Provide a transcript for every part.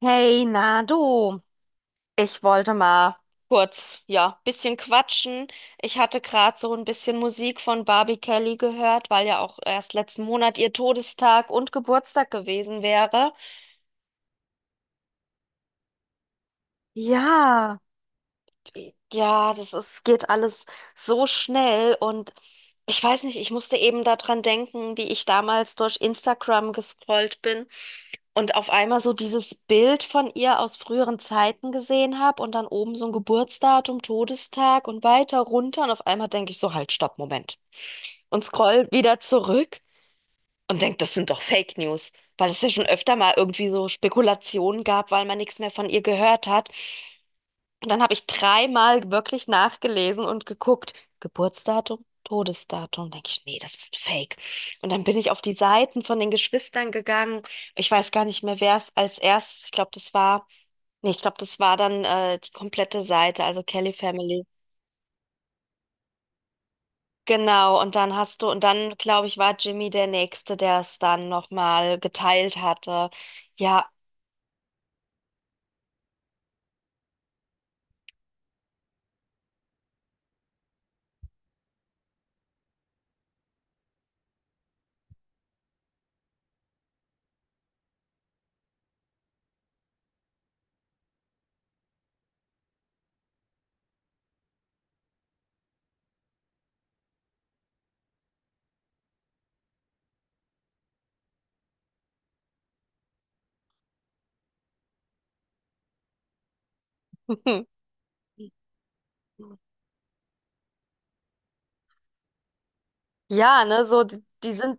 Hey, na du, ich wollte mal kurz, ja, bisschen quatschen. Ich hatte gerade so ein bisschen Musik von Barbie Kelly gehört, weil ja auch erst letzten Monat ihr Todestag und Geburtstag gewesen wäre. Ja. Ja, das ist, geht alles so schnell und ich weiß nicht, ich musste eben daran denken, wie ich damals durch Instagram gescrollt bin und auf einmal so dieses Bild von ihr aus früheren Zeiten gesehen habe und dann oben so ein Geburtsdatum, Todestag und weiter runter und auf einmal denke ich so, halt, stopp, Moment. Und scroll wieder zurück und denke, das sind doch Fake News, weil es ja schon öfter mal irgendwie so Spekulationen gab, weil man nichts mehr von ihr gehört hat. Und dann habe ich dreimal wirklich nachgelesen und geguckt, Geburtsdatum, Todesdatum. Denke ich, nee, das ist ein Fake. Und dann bin ich auf die Seiten von den Geschwistern gegangen. Ich weiß gar nicht mehr, wer es als erstes, ich glaube, das war, nee, ich glaube, das war dann die komplette Seite, also Kelly Family. Genau, und dann hast du, und dann, glaube ich, war Jimmy der Nächste, der es dann nochmal geteilt hatte. Ja. Ja, ne, so, die sind.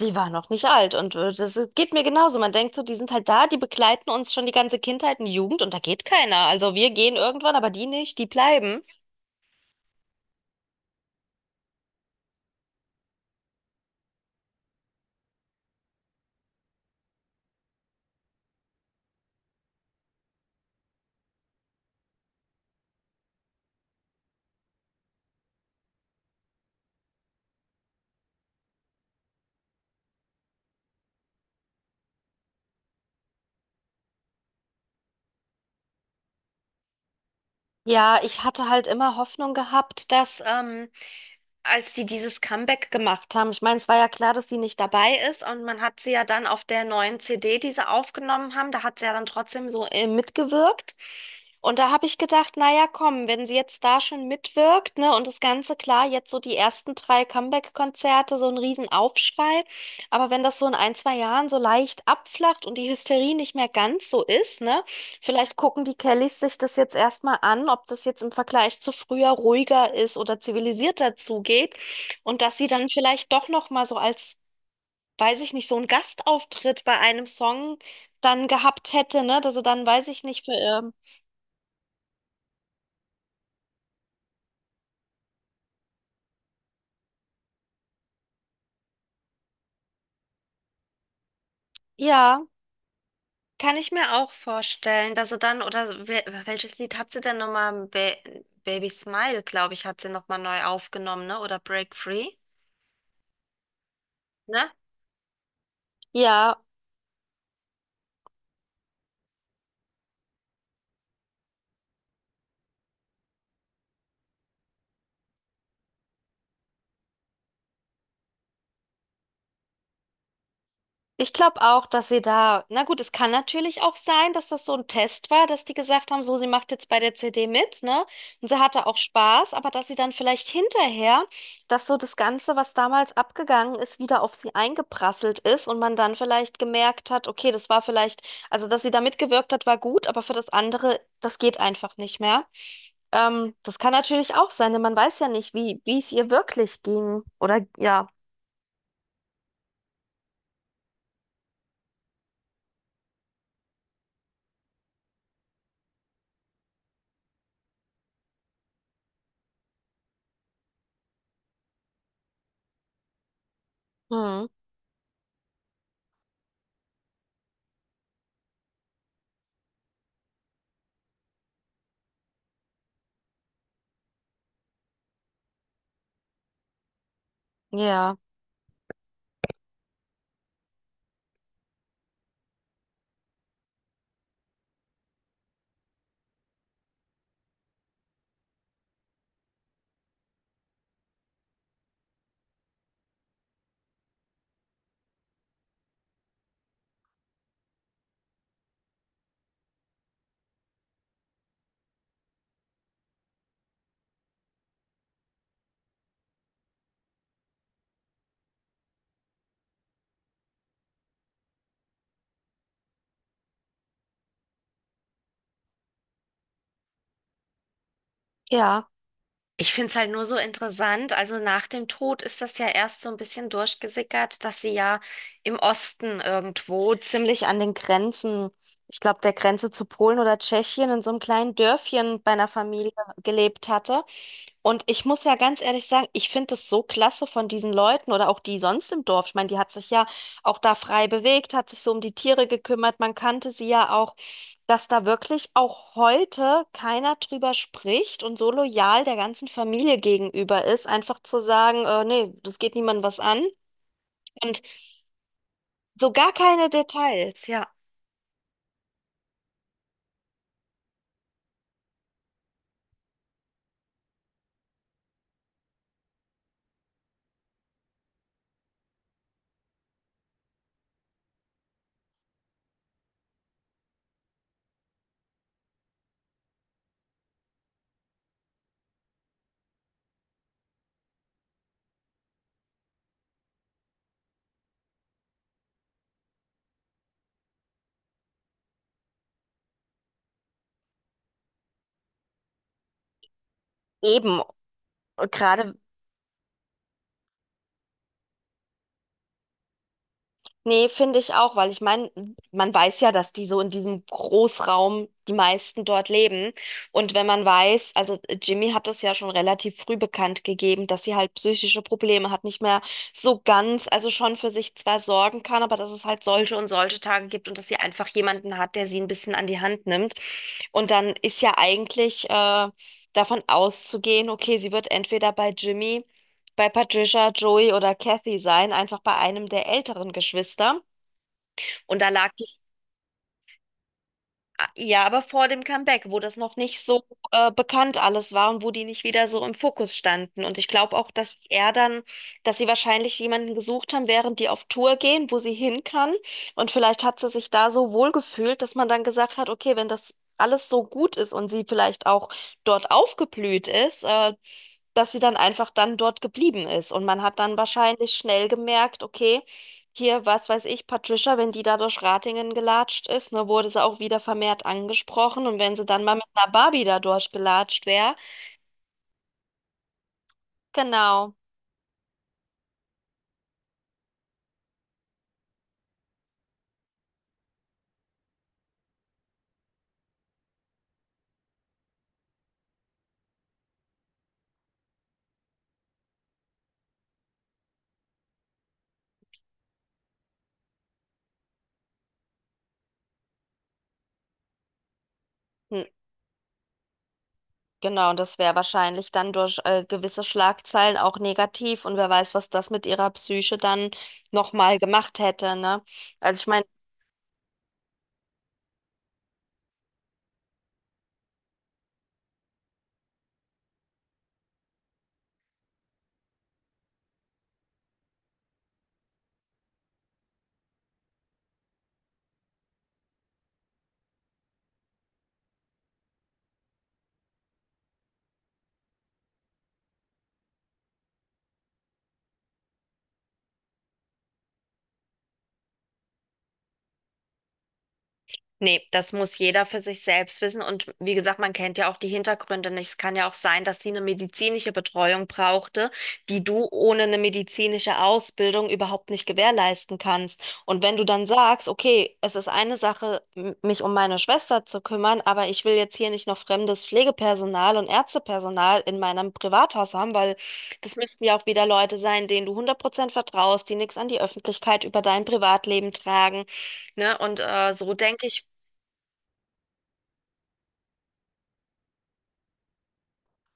Die war noch nicht alt und das ist- geht mir genauso. Man denkt so, die sind halt da, die begleiten uns schon die ganze Kindheit und Jugend und da geht keiner. Also wir gehen irgendwann, aber die nicht, die bleiben. Ja, ich hatte halt immer Hoffnung gehabt, dass als die dieses Comeback gemacht haben. Ich meine, es war ja klar, dass sie nicht dabei ist und man hat sie ja dann auf der neuen CD, die sie aufgenommen haben, da hat sie ja dann trotzdem so mitgewirkt. Und da habe ich gedacht, naja, komm, wenn sie jetzt da schon mitwirkt, ne, und das Ganze klar, jetzt so die ersten drei Comeback-Konzerte, so ein Riesenaufschrei. Aber wenn das so in ein, zwei Jahren so leicht abflacht und die Hysterie nicht mehr ganz so ist, ne? Vielleicht gucken die Kellys sich das jetzt erstmal an, ob das jetzt im Vergleich zu früher ruhiger ist oder zivilisierter zugeht und dass sie dann vielleicht doch noch mal so als, weiß ich nicht, so einen Gastauftritt bei einem Song dann gehabt hätte, ne? Dass sie dann, weiß ich nicht, für, ja. Kann ich mir auch vorstellen, dass sie dann, oder wel- welches Lied hat sie denn nochmal? Ba Baby Smile, glaube ich, hat sie nochmal neu aufgenommen, ne? Oder Break Free, ne? Ja. Ich glaube auch, dass sie da, na gut, es kann natürlich auch sein, dass das so ein Test war, dass die gesagt haben, so, sie macht jetzt bei der CD mit, ne? Und sie hatte auch Spaß, aber dass sie dann vielleicht hinterher, dass so das Ganze, was damals abgegangen ist, wieder auf sie eingeprasselt ist und man dann vielleicht gemerkt hat, okay, das war vielleicht, also dass sie da mitgewirkt hat, war gut, aber für das andere, das geht einfach nicht mehr. Das kann natürlich auch sein, denn man weiß ja nicht, wie es ihr wirklich ging oder ja. Hm, ja, ja. Ich finde es halt nur so interessant. Also nach dem Tod ist das ja erst so ein bisschen durchgesickert, dass sie ja im Osten irgendwo ziemlich an den Grenzen, ich glaube, der Grenze zu Polen oder Tschechien in so einem kleinen Dörfchen bei einer Familie gelebt hatte. Und ich muss ja ganz ehrlich sagen, ich finde es so klasse von diesen Leuten oder auch die sonst im Dorf. Ich meine, die hat sich ja auch da frei bewegt, hat sich so um die Tiere gekümmert. Man kannte sie ja auch, dass da wirklich auch heute keiner drüber spricht und so loyal der ganzen Familie gegenüber ist, einfach zu sagen, nee, das geht niemandem was an. Und so gar keine Details, ja. Eben. Und gerade. Nee, finde ich auch, weil ich meine, man weiß ja, dass die so in diesem Großraum die meisten dort leben. Und wenn man weiß, also Jimmy hat das ja schon relativ früh bekannt gegeben, dass sie halt psychische Probleme hat, nicht mehr so ganz, also schon für sich zwar sorgen kann, aber dass es halt solche und solche Tage gibt und dass sie einfach jemanden hat, der sie ein bisschen an die Hand nimmt. Und dann ist ja eigentlich davon auszugehen, okay, sie wird entweder bei Jimmy, bei Patricia, Joey oder Kathy sein, einfach bei einem der älteren Geschwister. Und da lag die. Ah, ja, aber vor dem Comeback, wo das noch nicht so bekannt alles war und wo die nicht wieder so im Fokus standen. Und ich glaube auch, dass er dann, dass sie wahrscheinlich jemanden gesucht haben, während die auf Tour gehen, wo sie hin kann. Und vielleicht hat sie sich da so wohl gefühlt, dass man dann gesagt hat, okay, wenn das alles so gut ist und sie vielleicht auch dort aufgeblüht ist, dass sie dann einfach dann dort geblieben ist. Und man hat dann wahrscheinlich schnell gemerkt, okay, hier, was weiß ich, Patricia, wenn die da durch Ratingen gelatscht ist, ne, wurde sie auch wieder vermehrt angesprochen. Und wenn sie dann mal mit einer Barbie da durchgelatscht wäre, genau, hm, genau, und das wäre wahrscheinlich dann durch gewisse Schlagzeilen auch negativ. Und wer weiß, was das mit ihrer Psyche dann nochmal gemacht hätte, ne? Also ich meine. Nee, das muss jeder für sich selbst wissen. Und wie gesagt, man kennt ja auch die Hintergründe nicht. Es kann ja auch sein, dass sie eine medizinische Betreuung brauchte, die du ohne eine medizinische Ausbildung überhaupt nicht gewährleisten kannst. Und wenn du dann sagst, okay, es ist eine Sache, m- mich um meine Schwester zu kümmern, aber ich will jetzt hier nicht noch fremdes Pflegepersonal und Ärztepersonal in meinem Privathaus haben, weil das müssten ja auch wieder Leute sein, denen du hundert Prozent vertraust, die nichts an die Öffentlichkeit über dein Privatleben tragen. Ne? Und so denke ich.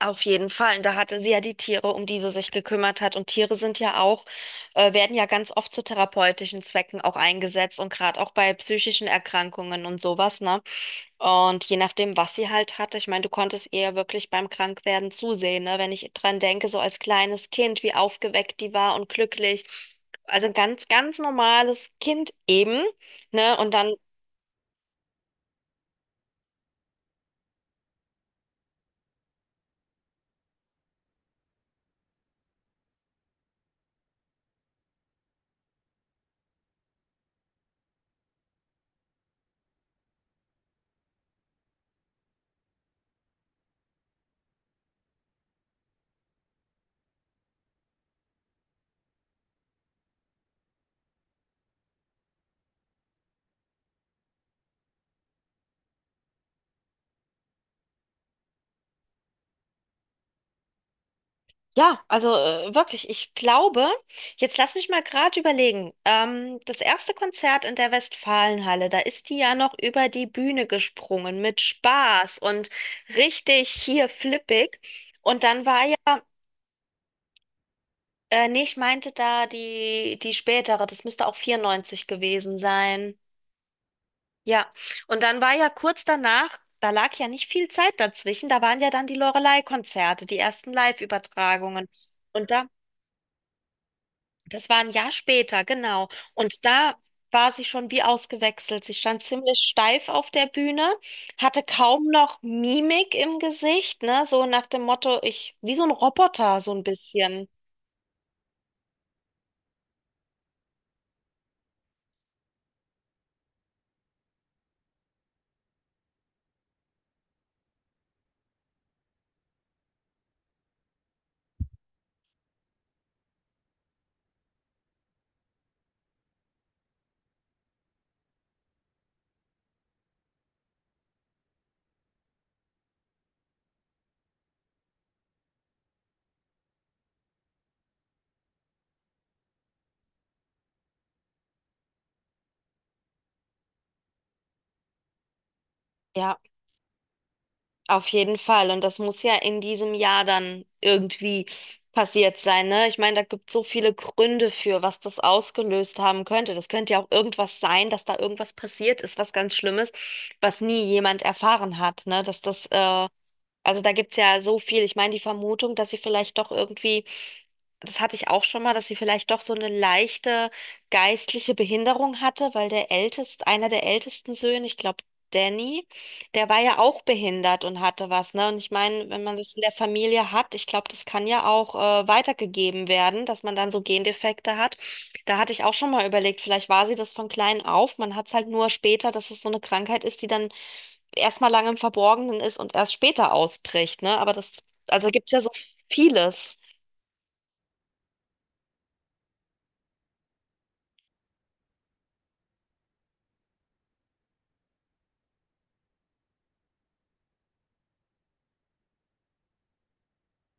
Auf jeden Fall. Und da hatte sie ja die Tiere, um die sie sich gekümmert hat. Und Tiere sind ja auch, werden ja ganz oft zu therapeutischen Zwecken auch eingesetzt und gerade auch bei psychischen Erkrankungen und sowas, ne? Und je nachdem, was sie halt hatte, ich meine, du konntest ihr ja wirklich beim Krankwerden zusehen, ne? Wenn ich dran denke, so als kleines Kind, wie aufgeweckt die war und glücklich. Also ein ganz, ganz normales Kind eben, ne? Und dann. Ja, also wirklich, ich glaube, jetzt lass mich mal gerade überlegen. Das erste Konzert in der Westfalenhalle, da ist die ja noch über die Bühne gesprungen mit Spaß und richtig hier flippig. Und dann war ja, nee, ich meinte da die, die spätere, das müsste auch 94 gewesen sein. Ja, und dann war ja kurz danach, da lag ja nicht viel Zeit dazwischen, da waren ja dann die Loreley-Konzerte, die ersten Live-Übertragungen. Und da. Das war ein Jahr später, genau. Und da war sie schon wie ausgewechselt. Sie stand ziemlich steif auf der Bühne, hatte kaum noch Mimik im Gesicht, ne? So nach dem Motto, ich, wie so ein Roboter, so ein bisschen. Ja, auf jeden Fall. Und das muss ja in diesem Jahr dann irgendwie passiert sein, ne? Ich meine, da gibt es so viele Gründe für, was das ausgelöst haben könnte. Das könnte ja auch irgendwas sein, dass da irgendwas passiert ist, was ganz Schlimmes, was nie jemand erfahren hat, ne? Dass das also da gibt's ja so viel. Ich meine, die Vermutung, dass sie vielleicht doch irgendwie, das hatte ich auch schon mal, dass sie vielleicht doch so eine leichte geistliche Behinderung hatte, weil der älteste, einer der ältesten Söhne, ich glaube Danny, der war ja auch behindert und hatte was, ne? Und ich meine, wenn man das in der Familie hat, ich glaube, das kann ja auch weitergegeben werden, dass man dann so Gendefekte hat. Da hatte ich auch schon mal überlegt, vielleicht war sie das von klein auf. Man hat's halt nur später, dass es so eine Krankheit ist, die dann erstmal lange im Verborgenen ist und erst später ausbricht, ne? Aber das, also gibt's ja so vieles.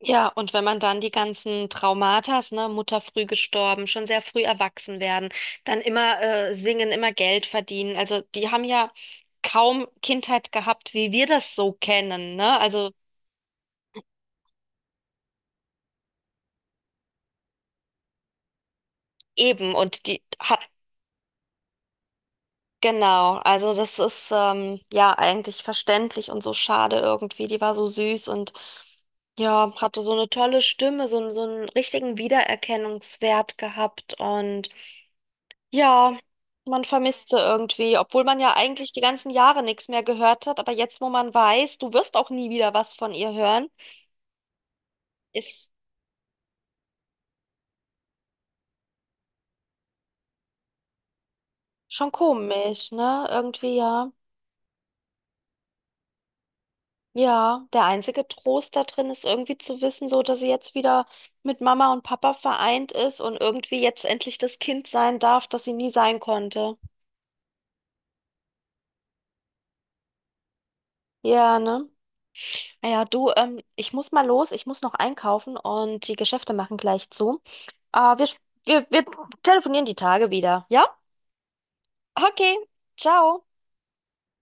Ja, und wenn man dann die ganzen Traumatas, ne, Mutter früh gestorben, schon sehr früh erwachsen werden, dann immer singen, immer Geld verdienen. Also die haben ja kaum Kindheit gehabt, wie wir das so kennen, ne? Also eben, und die hat. Genau, also das ist ja eigentlich verständlich und so schade irgendwie. Die war so süß und ja, hatte so eine tolle Stimme, so, n- so einen richtigen Wiedererkennungswert gehabt und ja, man vermisst sie irgendwie, obwohl man ja eigentlich die ganzen Jahre nichts mehr gehört hat, aber jetzt, wo man weiß, du wirst auch nie wieder was von ihr hören, ist schon komisch, ne? Irgendwie, ja. Ja, der einzige Trost da drin ist irgendwie zu wissen, so dass sie jetzt wieder mit Mama und Papa vereint ist und irgendwie jetzt endlich das Kind sein darf, das sie nie sein konnte. Ja, ne? Naja, du, ich muss mal los, ich muss noch einkaufen und die Geschäfte machen gleich zu. Wir, sch- wir telefonieren die Tage wieder, ja? Okay, ciao.